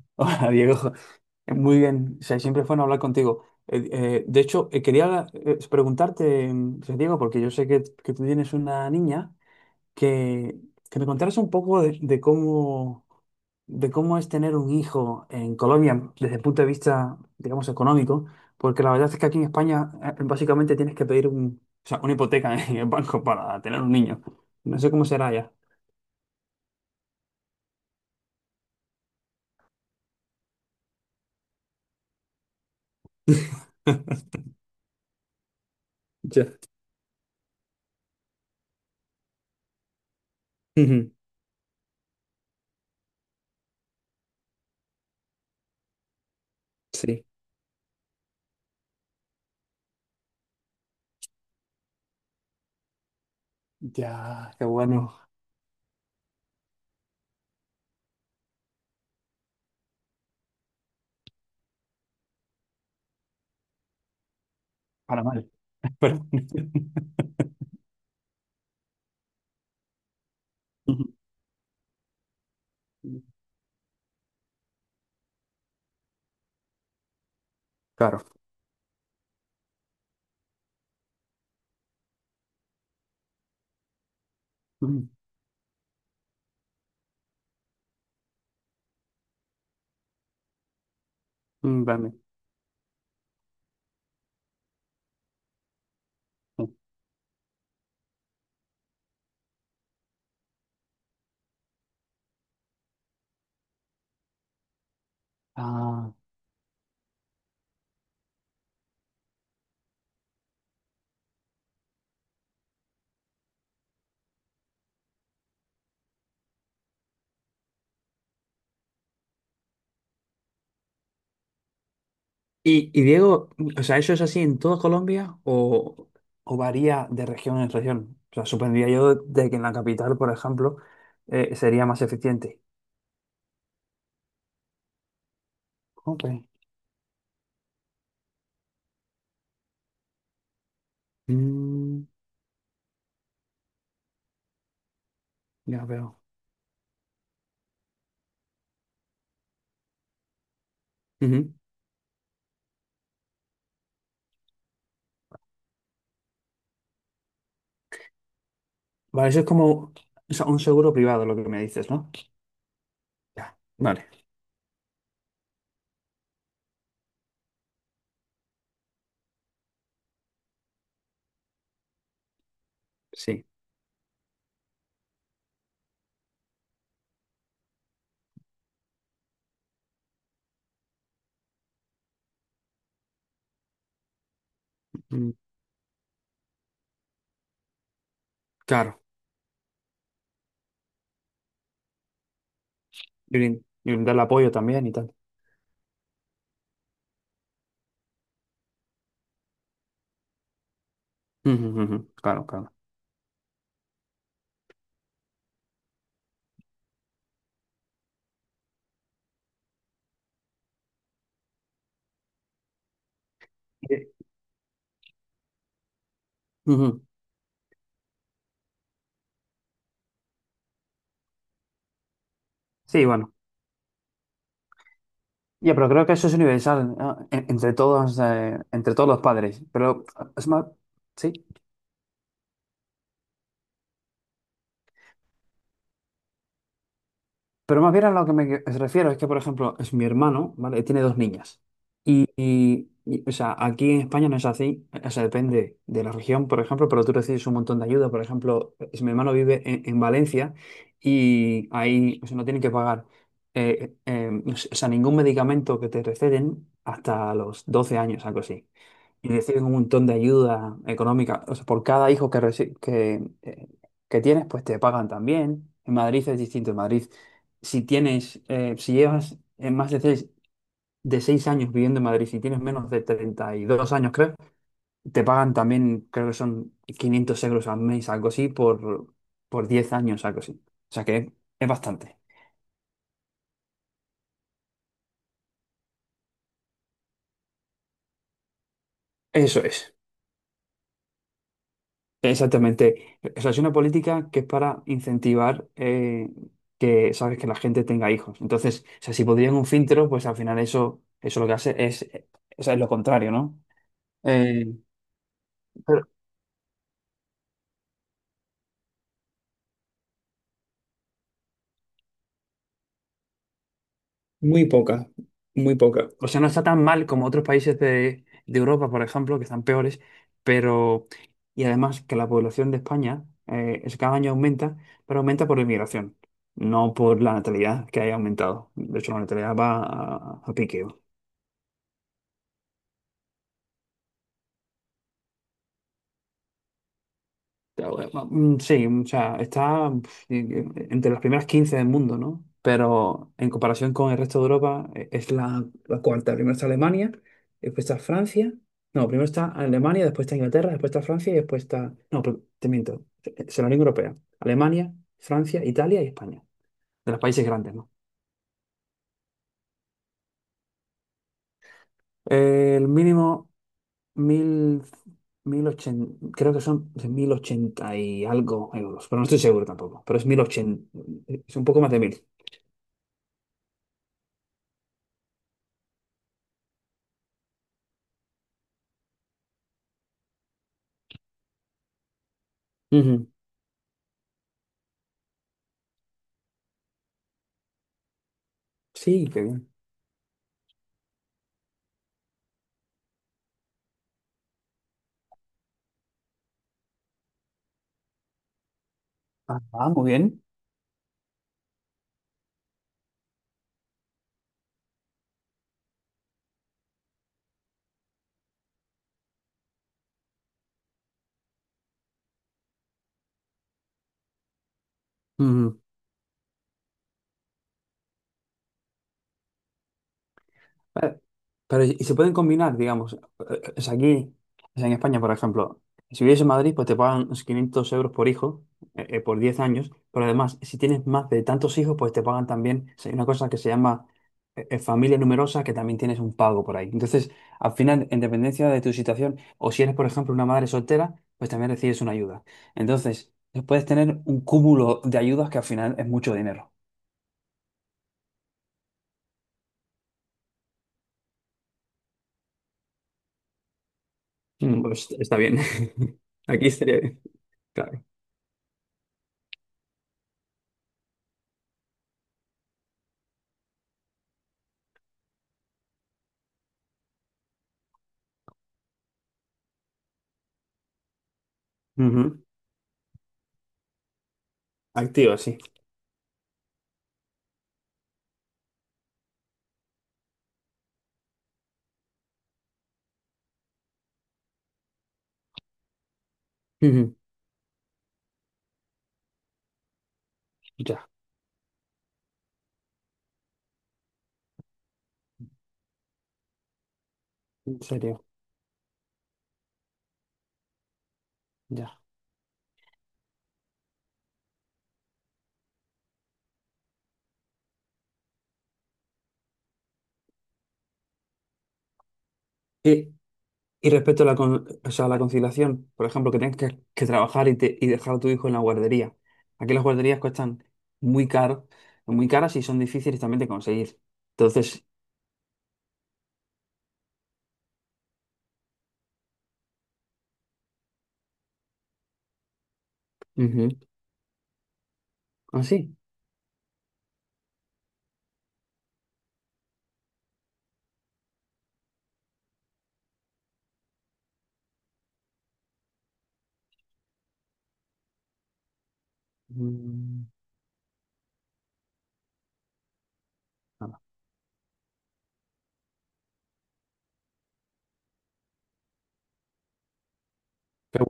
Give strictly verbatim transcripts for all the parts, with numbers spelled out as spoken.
Hola, Diego, muy bien. O sea, siempre fue bueno hablar contigo. Eh, eh, de hecho, eh, quería eh, preguntarte, mm, o sea, Diego, porque yo sé que, que tú tienes una niña, que, que me contaras un poco de, de cómo, de cómo es tener un hijo en Colombia desde el punto de vista, digamos, económico. Porque la verdad es que aquí en España eh, básicamente tienes que pedir un, o sea, una hipoteca en el banco para tener un niño. No sé cómo será ya. Ya. Ujú. Sí. Ya, qué bueno. Para mal. Perdón. Claro. Mm. Mm. Vale. Ah, y, y Diego, o sea, ¿eso es así en toda Colombia o, o varía de región en región? O sea, supondría yo de que en la capital, por ejemplo, eh, sería más eficiente. Ok. Mm, ya veo. Ujú. Vale, eso es como, o sea, un seguro privado lo que me dices, ¿no? Ya. Vale, sí. Mm, claro. Y brin- y brindar el apoyo también y tal. Ujú, ujú, ujú. Claro, claro. Eh, ujú. Sí, bueno. Ya, pero creo que eso es universal, ¿no? En- entre todos, eh, entre todos los padres. Pero es más, sí. Pero más bien a lo que me refiero es que, por ejemplo, es mi hermano, ¿vale? Tiene dos niñas. Y, y- y, o sea, aquí en España no es así. O sea, depende de la región, por ejemplo, pero tú recibes un montón de ayuda. Por ejemplo, es- mi hermano vive en, en Valencia y ahí, o sea, no tienen que pagar, eh, eh, o sea, ningún medicamento que te receten hasta los doce años, algo así, y reciben un montón de ayuda económica. O sea, por cada hijo que, reci- que, eh, que tienes, pues te pagan también. En Madrid es distinto. En Madrid, si tienes, eh, si llevas eh, más de seis, de seis años viviendo en Madrid, si tienes menos de treinta y dos años, creo, te pagan también, creo que son quinientos euros al mes, algo así, por, por diez años, algo así. O sea que es bastante. Eso es, exactamente. O sea, es una política que es para incentivar eh, que, sabes, que la gente tenga hijos. Entonces, o sea, si podrían un filtro, pues al final eso, eso lo que hace es, eh, o sea, es lo contrario, ¿no? Eh, Muy poca, muy poca. O sea, no está tan mal como otros países de, de Europa, por ejemplo, que están peores, pero... Y además, que la población de España eh, es cada año aumenta, pero aumenta por inmigración, no por la natalidad que haya aumentado. De hecho, la natalidad va a, a pique. Mm. Sí, o sea, está, pf, entre las primeras quince del mundo, ¿no? Pero en comparación con el resto de Europa, e- es la, la cuarta. Primero está Alemania, después está Francia. No, primero está Alemania, después está Inglaterra, después está Francia y después está. No, pero te miento. Es la Unión Europea. Alemania, Francia, Italia y España. De los países grandes, ¿no? Eh, el mínimo, mil, mil ochenta, creo que son mil ochenta y algo euros, pero no estoy seguro tampoco. Pero es mil ochenta, es un poco más de mil. Ujú. Sí, qué bien. Ah, ah, muy bien. Ujú. Eh, Pero, y se pueden combinar, digamos, eh, eh, es aquí, es en España, por ejemplo, si vives en Madrid, pues te pagan unos quinientos euros por hijo, eh, eh, por diez años, pero además, si tienes más de tantos hijos, pues te pagan también. O sea, hay una cosa que se llama eh, eh, familia numerosa, que también tienes un pago por ahí. Entonces, al final, en dependencia de tu situación, o si eres, por ejemplo, una madre soltera, pues también recibes una ayuda. Entonces, puedes tener un cúmulo de ayudas que al final es mucho dinero. Mm. Pues está bien. Aquí estaría bien. Claro. Ujú. Activo, sí. Ujú. Ya, en serio, ya. Y, y respecto a la, con- o sea, a la conciliación, por ejemplo, que tengas que, que trabajar y, te- y dejar a tu hijo en la guardería. Aquí las guarderías cuestan muy caro, muy caras y son difíciles también de conseguir. Entonces, ujú. Ah, sí. Mm, nada. Qué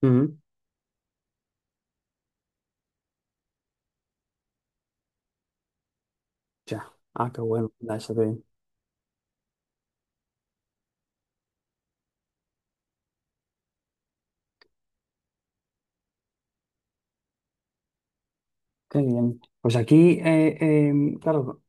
bueno. Ujú. Ya. Ah, qué bueno. Da, eso qué bien. Qué bien. Pues aquí, eh, eh, claro.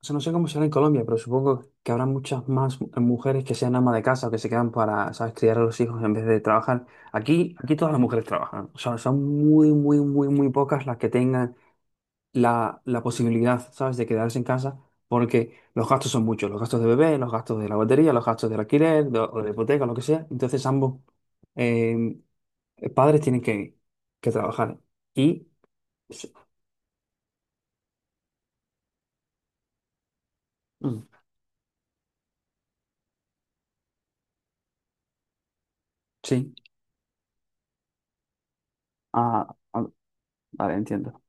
O sea, no sé cómo será en Colombia, pero supongo que habrá muchas más mu- mujeres que sean amas de casa o que se quedan para, ¿sabes?, criar a los hijos en vez de trabajar. Aquí, aquí todas las mujeres trabajan. O sea, son muy, muy, muy, muy pocas las que tengan la, la posibilidad, ¿sabes?, de quedarse en casa porque los gastos son muchos. Los gastos de bebé, los gastos de la batería, los gastos del alquiler de- o de la hipoteca, lo que sea. Entonces, ambos eh, padres tienen que, que trabajar. Y... Mm. Sí. Ah, ah, vale, entiendo.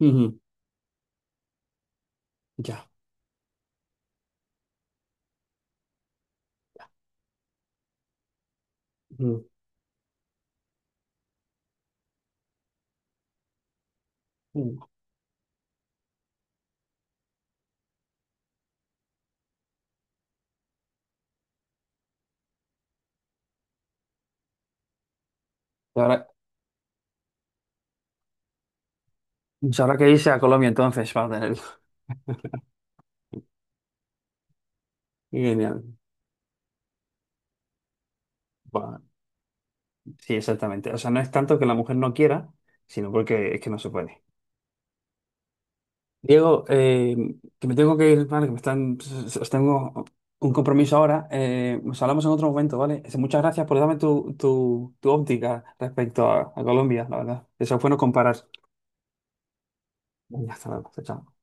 Ujú. Ya. Mm. Mm. Y ahora, y ahora que irse a Colombia, entonces va a tener. Genial. Va. Sí, exactamente. O sea, no es tanto que la mujer no quiera, sino porque es que no se puede. Diego, eh, que me tengo que ir, ¿vale? Que me están, os tengo un compromiso ahora. Eh, nos hablamos en otro momento, ¿vale? Muchas gracias por darme tu, tu, tu óptica respecto a, a Colombia, la verdad. Eso es bueno comparar. Venga, hasta luego. Chao.